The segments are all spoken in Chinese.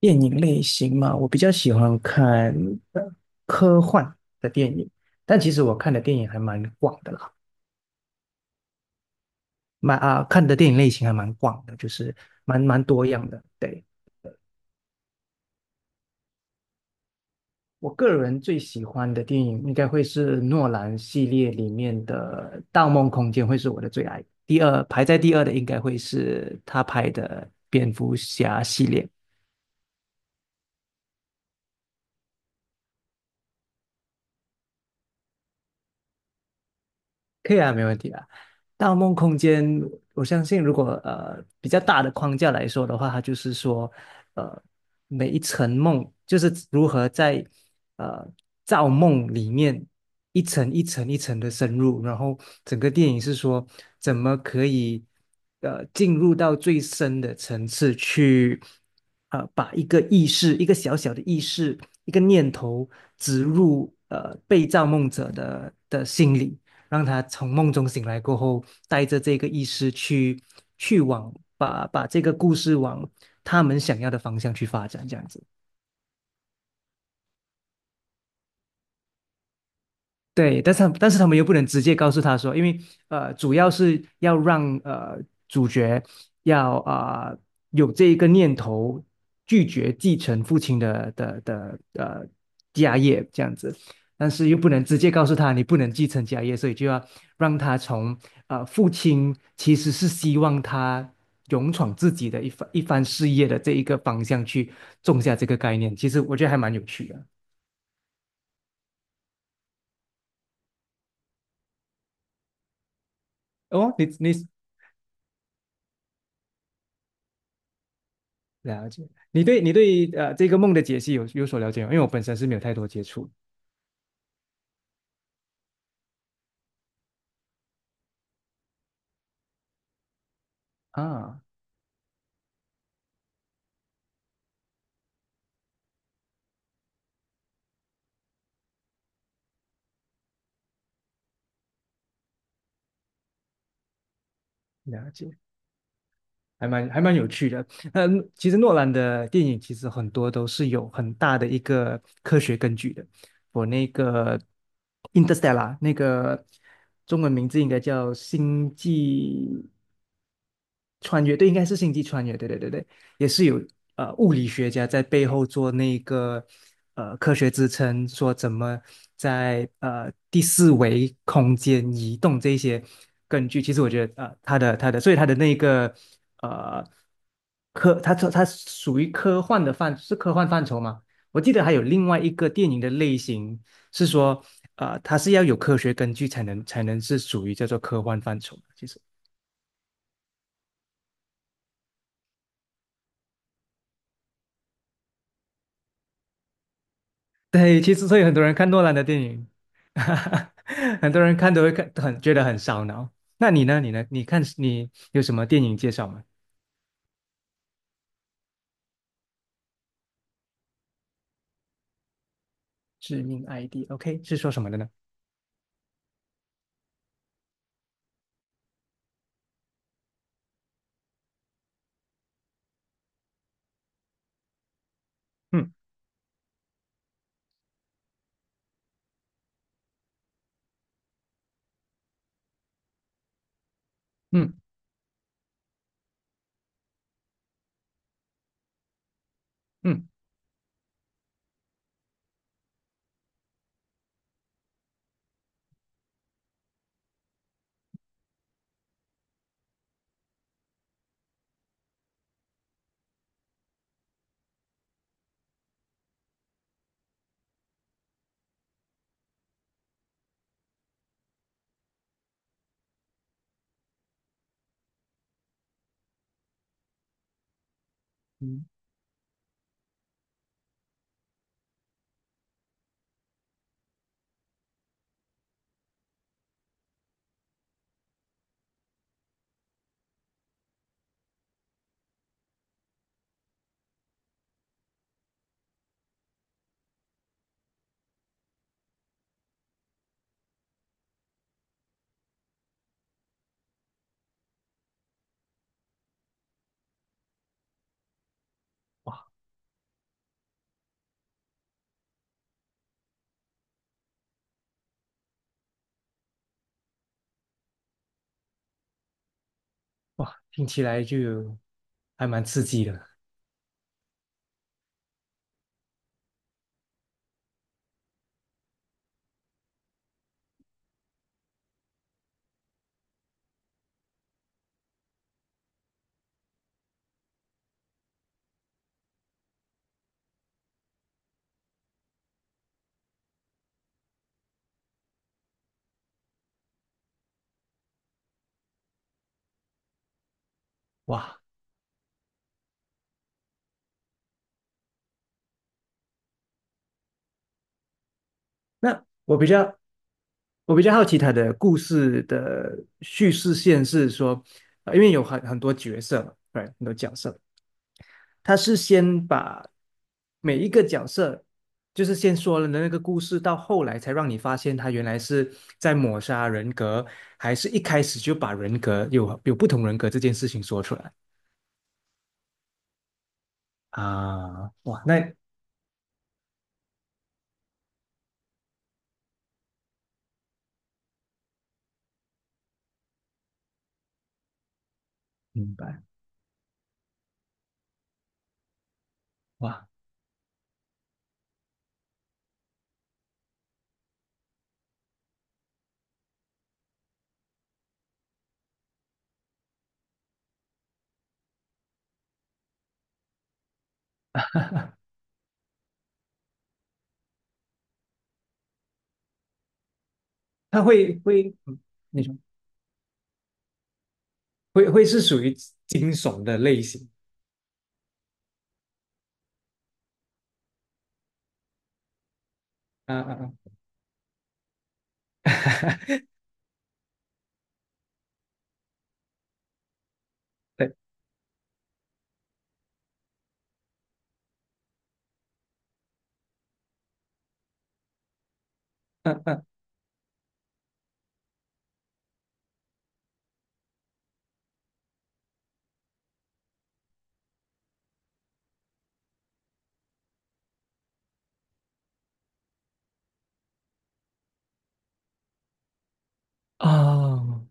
电影类型嘛，我比较喜欢看呃科幻的电影，但其实我看的电影还蛮广的啦，看的电影类型还蛮广的，就是蛮多样的。对，我个人最喜欢的电影应该会是诺兰系列里面的《盗梦空间》会是我的最爱，第二排在第二的应该会是他拍的《蝙蝠侠》系列。可以啊，没问题啊。盗梦空间，我相信如果比较大的框架来说的话，它就是说，呃，每一层梦就是如何在呃造梦里面一层一层一层的深入，然后整个电影是说怎么可以进入到最深的层次去，把一个小小的意识一个念头植入被造梦者的心里。让他从梦中醒来过后，带着这个意识去往把这个故事往他们想要的方向去发展，这样子。对，但是他们又不能直接告诉他说，因为主要是要让主角要啊、呃有这一个念头，拒绝继承父亲的家业这样子，但是又不能直接告诉他你不能继承家业，所以就要让他从父亲其实是希望他勇闯自己的一番一番事业的这一个方向去种下这个概念，其实我觉得还蛮有趣的。哦，你了解。你对这个梦的解析有所了解吗？因为我本身是没有太多接触啊，了解，还蛮有趣的。嗯，其实诺兰的电影其实很多都是有很大的一个科学根据的。我那个《Interstellar》那个中文名字应该叫《星际》穿越，对，应该是星际穿越，对对对对，也是有物理学家在背后做那个科学支撑，说怎么在第四维空间移动这些根据。其实我觉得他的他的，所以他的那个呃科，他他他属于科幻的范，是科幻范畴吗？我记得还有另外一个电影的类型是说，它是要有科学根据才能是属于叫做科幻范畴的，其实。对，其实所以很多人看诺兰的电影，很多人看都会看，很觉得很烧脑。那你呢？你看你有什么电影介绍吗？致命 ID，OK，是说什么的呢？嗯嗯嗯嗯，哇，听起来就还蛮刺激的。哇，那我比较好奇他的故事的叙事线是说，因为有很多角色嘛，对，很多角色，他是先把每一个角色，就是先说了的那个故事，到后来才让你发现他原来是在抹杀人格，还是一开始就把人格有不同人格这件事情说出来啊？哇，那明白。哇，他会，你说会是属于惊悚的类型？啊啊啊！对，嗯嗯哦，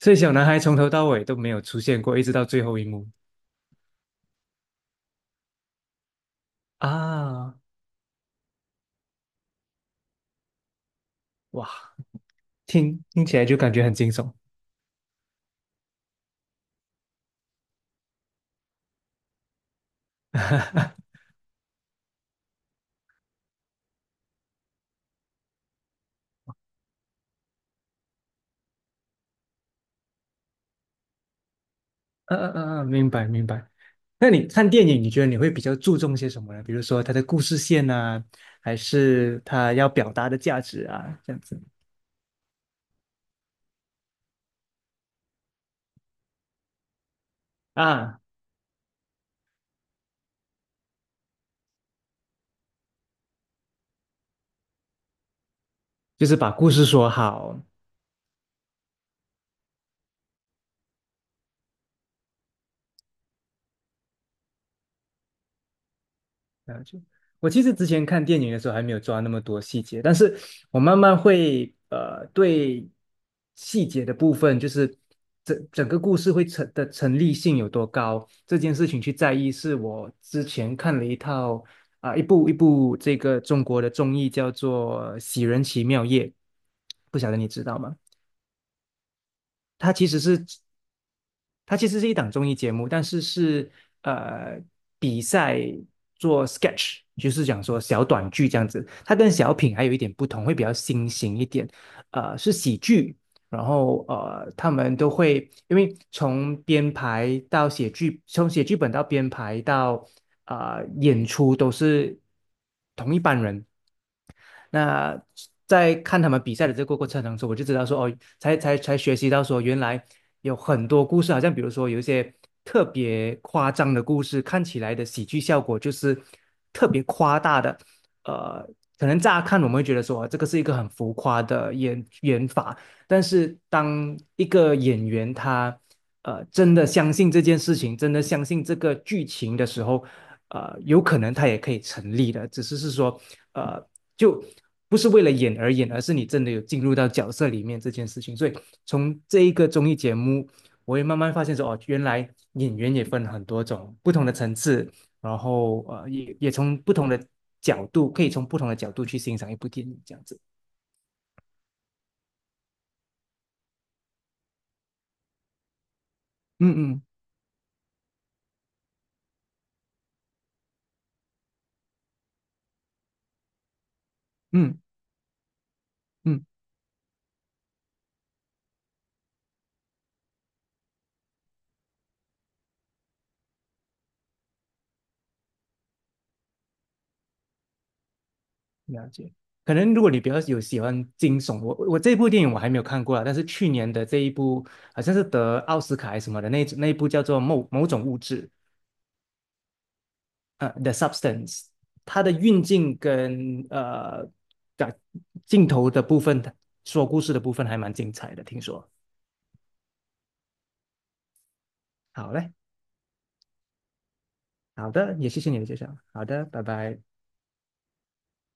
所以小男孩从头到尾都没有出现过，一直到最后一幕啊！哇，听起来就感觉很惊悚。嗯嗯嗯嗯，明白明白。那你看电影，你觉得你会比较注重些什么呢？比如说它的故事线啊，还是它要表达的价值啊，这样子啊，就是把故事说好，了就我其实之前看电影的时候还没有抓那么多细节，但是我慢慢会对细节的部分，就是整个故事会成立性有多高这件事情去在意，是我之前看了一套啊、一部这个中国的综艺叫做《喜人奇妙夜》，不晓得你知道吗？它其实是。它其实是一档综艺节目，但是是呃比赛做 sketch，就是讲说小短剧这样子。它跟小品还有一点不同，会比较新型一点，是喜剧。然后他们都会因为从编排到写剧，从写剧本到编排到演出都是同一班人。那在看他们比赛的这个过程当中，我就知道说哦，才学习到说原来有很多故事啊，好像比如说有一些特别夸张的故事，看起来的喜剧效果就是特别夸大的。呃，可能乍看我们会觉得说啊这个是一个很浮夸的演法，但是当一个演员他真的相信这件事情，真的相信这个剧情的时候，有可能他也可以成立的，只是是说呃就。不是为了演而演，而是你真的有进入到角色里面这件事情，所以从这一个综艺节目，我也慢慢发现说，哦，原来演员也分很多种不同的层次，然后也从不同的角度，可以从不同的角度去欣赏一部电影，这样子。嗯嗯嗯嗯，了解。可能如果你比较有喜欢惊悚，这部电影我还没有看过啊，但是去年的这一部好像是得奥斯卡还是什么的那一部叫做某种物质，The Substance，它的运镜跟的镜头的部分，说故事的部分还蛮精彩的，听说。好嘞，好的，也谢谢你的介绍。好的，拜拜。